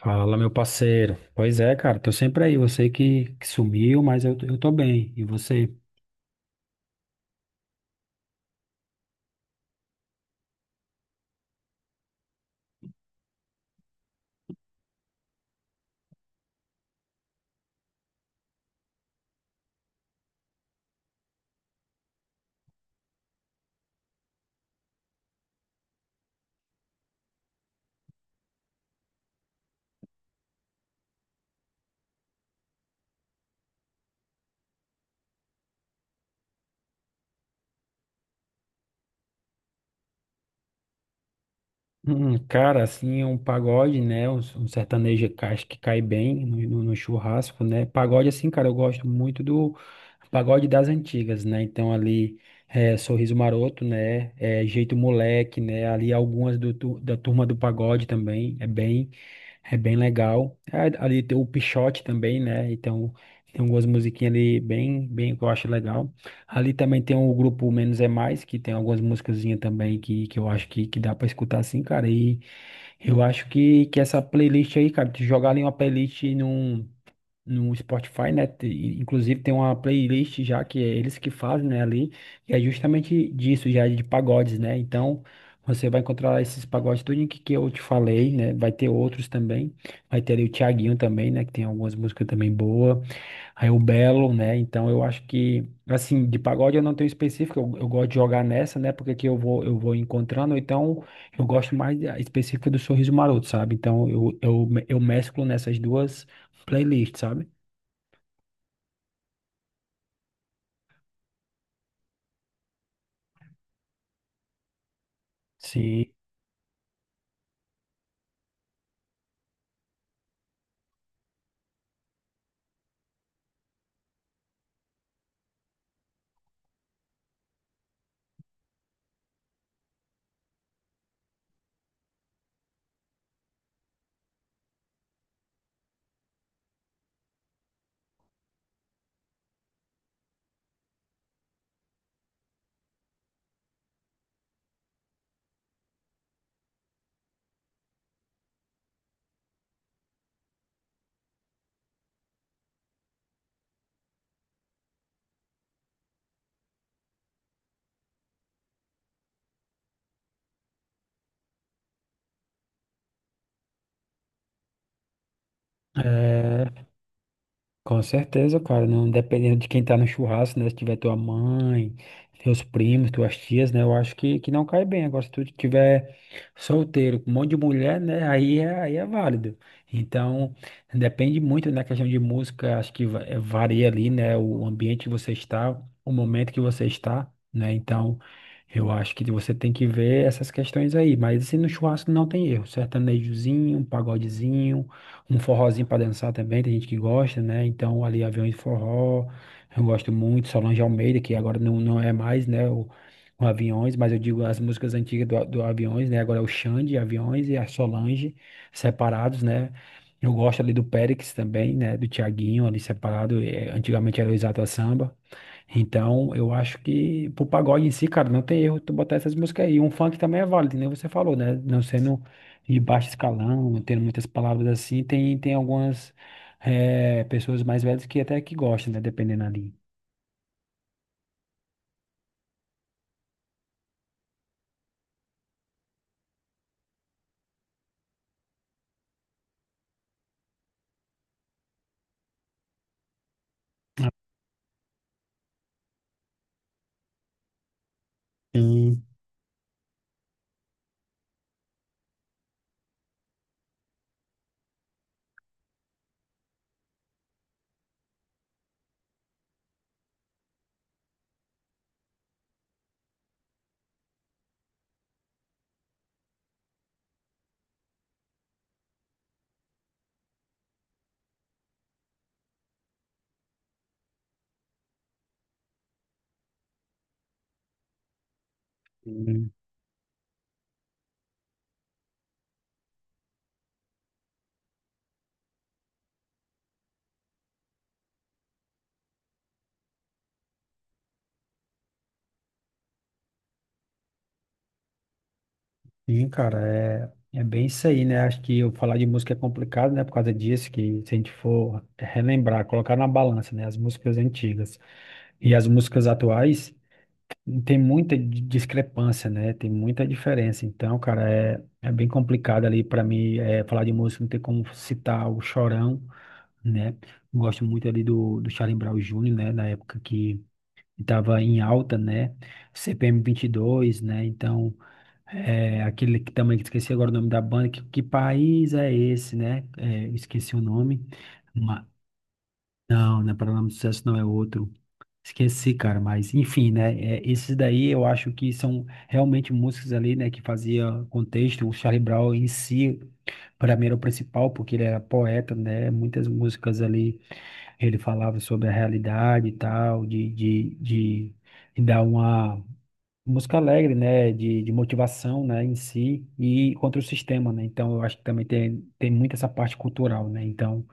Fala, meu parceiro. Pois é, cara, tô sempre aí. Você que sumiu, mas eu tô bem. E você? Cara, assim, um pagode, né? Um sertanejo que acho que cai bem no churrasco, né? Pagode, assim, cara, eu gosto muito do pagode das antigas, né? Então, ali, Sorriso Maroto, né? Jeito Moleque, né? Ali, algumas da turma do pagode também, é bem legal. Ali tem o Pixote também, né? Então, tem algumas musiquinhas ali bem, bem que eu acho legal. Ali também tem o grupo Menos é Mais, que tem algumas musicazinhas também que eu acho que dá pra escutar assim, cara. E eu acho que essa playlist aí, cara, tu jogar ali uma playlist no Spotify, né? Inclusive tem uma playlist já que é eles que fazem, né, ali, que é justamente disso, já de pagodes, né? Então você vai encontrar esses pagodes tudo que eu te falei, né? Vai ter outros também. Vai ter ali o Thiaguinho também, né? Que tem algumas músicas também boas. Aí o Belo, né? Então eu acho que, assim, de pagode eu não tenho específico, eu gosto de jogar nessa, né? Porque aqui eu vou encontrando, ou então eu gosto mais da específica do Sorriso Maroto, sabe? Então eu mesclo nessas duas playlists, sabe? Sim. É, com certeza, cara, não dependendo de quem tá no churrasco, né? Se tiver tua mãe, teus primos, tuas tias, né? Eu acho que não cai bem. Agora, se tu tiver solteiro, com um monte de mulher, né? Aí é válido. Então, depende muito, né? Questão de música, acho que varia ali, né? O ambiente que você está, o momento que você está, né? Então, eu acho que você tem que ver essas questões aí. Mas, assim, no churrasco não tem erro. Sertanejozinho, um pagodezinho, um forrozinho para dançar também, tem gente que gosta, né? Então ali Aviões de Forró, eu gosto muito, Solange Almeida, que agora não é mais, né, o Aviões, mas eu digo as músicas antigas do Aviões, né? Agora é o Xande, Aviões e a Solange, separados, né? Eu gosto ali do Périx também, né? Do Thiaguinho ali separado, antigamente era o Exalta Samba. Então, eu acho que pro pagode em si, cara, não tem erro tu botar essas músicas aí. Um funk também é válido, que nem você falou, né? Não sendo de baixo escalão, não tendo muitas palavras assim, tem algumas pessoas mais velhas que até que gostam, né? Dependendo ali. Sim, sim, sim, cara, é bem isso aí, né? Acho que eu falar de música é complicado, né? Por causa disso, que se a gente for relembrar, colocar na balança, né? As músicas antigas e as músicas atuais. Tem muita discrepância, né? Tem muita diferença. Então, cara, é bem complicado ali para mim falar de música, não tem como citar o Chorão, né? Gosto muito ali do Charlie Brown Jr., né? Na época que estava em alta, né? CPM dois, né? Então, aquele que também que esqueci agora o nome da banda, que país é esse, né? Esqueci o nome. Ma- não, não é Paralama do Sucesso, não é outro. Esqueci, cara, mas enfim, né? Esses daí eu acho que são realmente músicas ali, né, que fazia contexto. O Charlie Brown em si, para mim, era o principal, porque ele era poeta, né? Muitas músicas ali ele falava sobre a realidade e tal, de dar uma. Música alegre, né? De motivação, né? Em si e contra o sistema, né? Então, eu acho que também tem muito essa parte cultural, né? Então,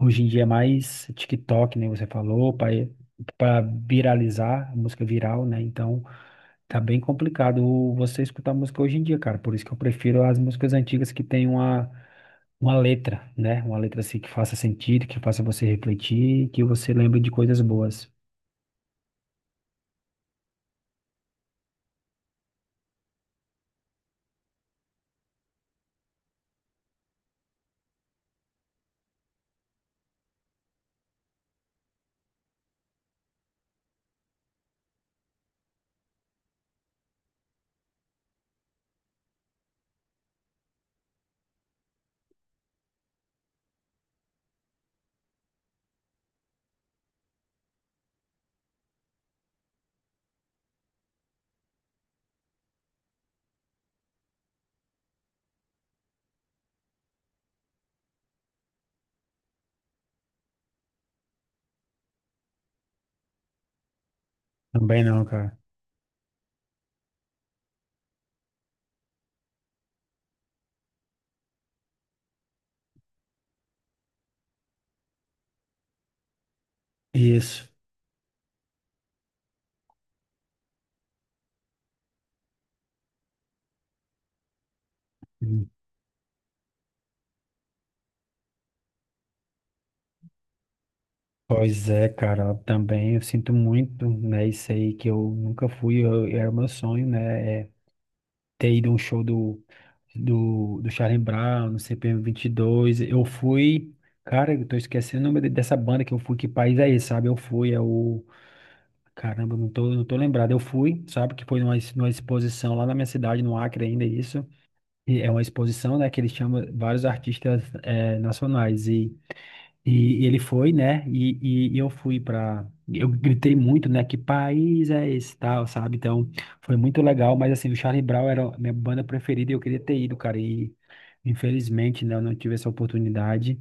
hoje em dia é mais TikTok, né? Você falou, para viralizar, música viral, né? Então, tá bem complicado você escutar música hoje em dia, cara. Por isso que eu prefiro as músicas antigas que tem uma letra, né? Uma letra assim que faça sentido, que faça você refletir, que você lembre de coisas boas. Também não, cara. Isso. Pois é, cara, também eu sinto muito, né, isso aí que eu nunca fui. Era o meu sonho, né, é ter ido a um show do Charlie Brown. No CPM dois eu fui, cara. Eu tô esquecendo o nome dessa banda que eu fui, que país é esse, sabe? Eu fui, caramba, não tô lembrado. Eu fui, sabe, que foi numa exposição lá na minha cidade, no Acre ainda, isso. E é uma exposição, né, que eles chamam vários artistas nacionais, e ele foi, né? E eu fui pra. Eu gritei muito, né? Que país é esse, tal, sabe? Então, foi muito legal. Mas, assim, o Charlie Brown era a minha banda preferida e eu queria ter ido, cara. E, infelizmente, né? Eu não tive essa oportunidade.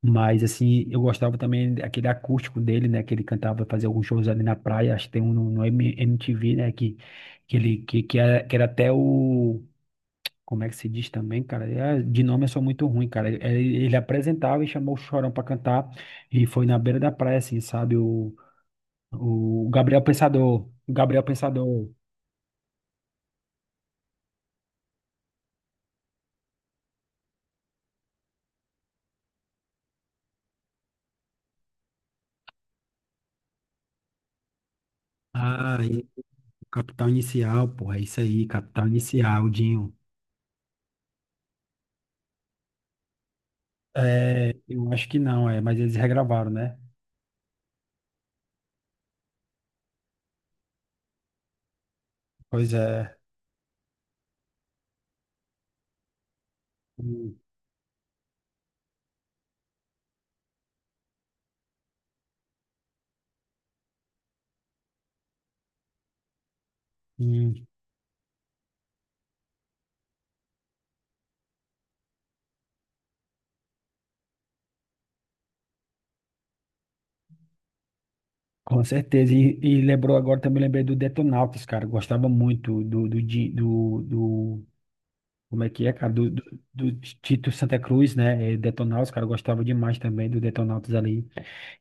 Mas, assim, eu gostava também daquele acústico dele, né? Que ele cantava, fazia alguns shows ali na praia. Acho que tem um no MTV, né? Que ele. Que era até o como é que se diz também, cara? De nome eu sou muito ruim, cara. Ele apresentava e chamou o Chorão pra cantar e foi na beira da praia, assim, sabe? O Gabriel Pensador. O Gabriel Pensador. Ah, Capital Inicial, porra, é isso aí, Capital Inicial, Dinho. Eu acho que não, mas eles regravaram, né? Pois é. Hum, hum, com certeza. E lembrou agora, também lembrei do Detonautas, cara. Gostava muito do Como é que é, cara? Do Tito Santa Cruz, né? Detonautas, cara, eu gostava demais também do Detonautas ali.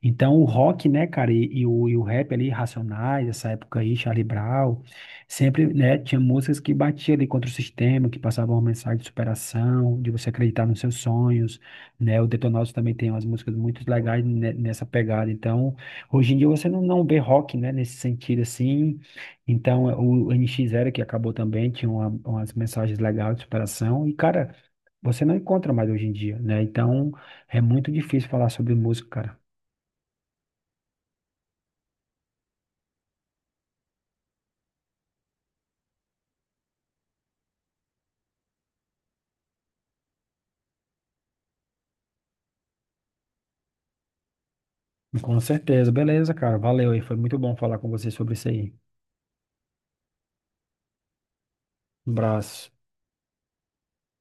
Então, o rock, né, cara, e o rap ali, Racionais, essa época aí, Charlie Brown, sempre, né, tinha músicas que batiam ali contra o sistema, que passavam uma mensagem de superação, de você acreditar nos seus sonhos, né, o Detonautas também tem umas músicas muito legais nessa pegada, então, hoje em dia você não vê rock, né, nesse sentido, assim, então, o NX Zero, que acabou também, tinha umas mensagens legais de superação, e, cara, você não encontra mais hoje em dia, né, então, é muito difícil falar sobre música, cara. Com certeza. Beleza, cara. Valeu aí. Foi muito bom falar com você sobre isso aí. Um abraço.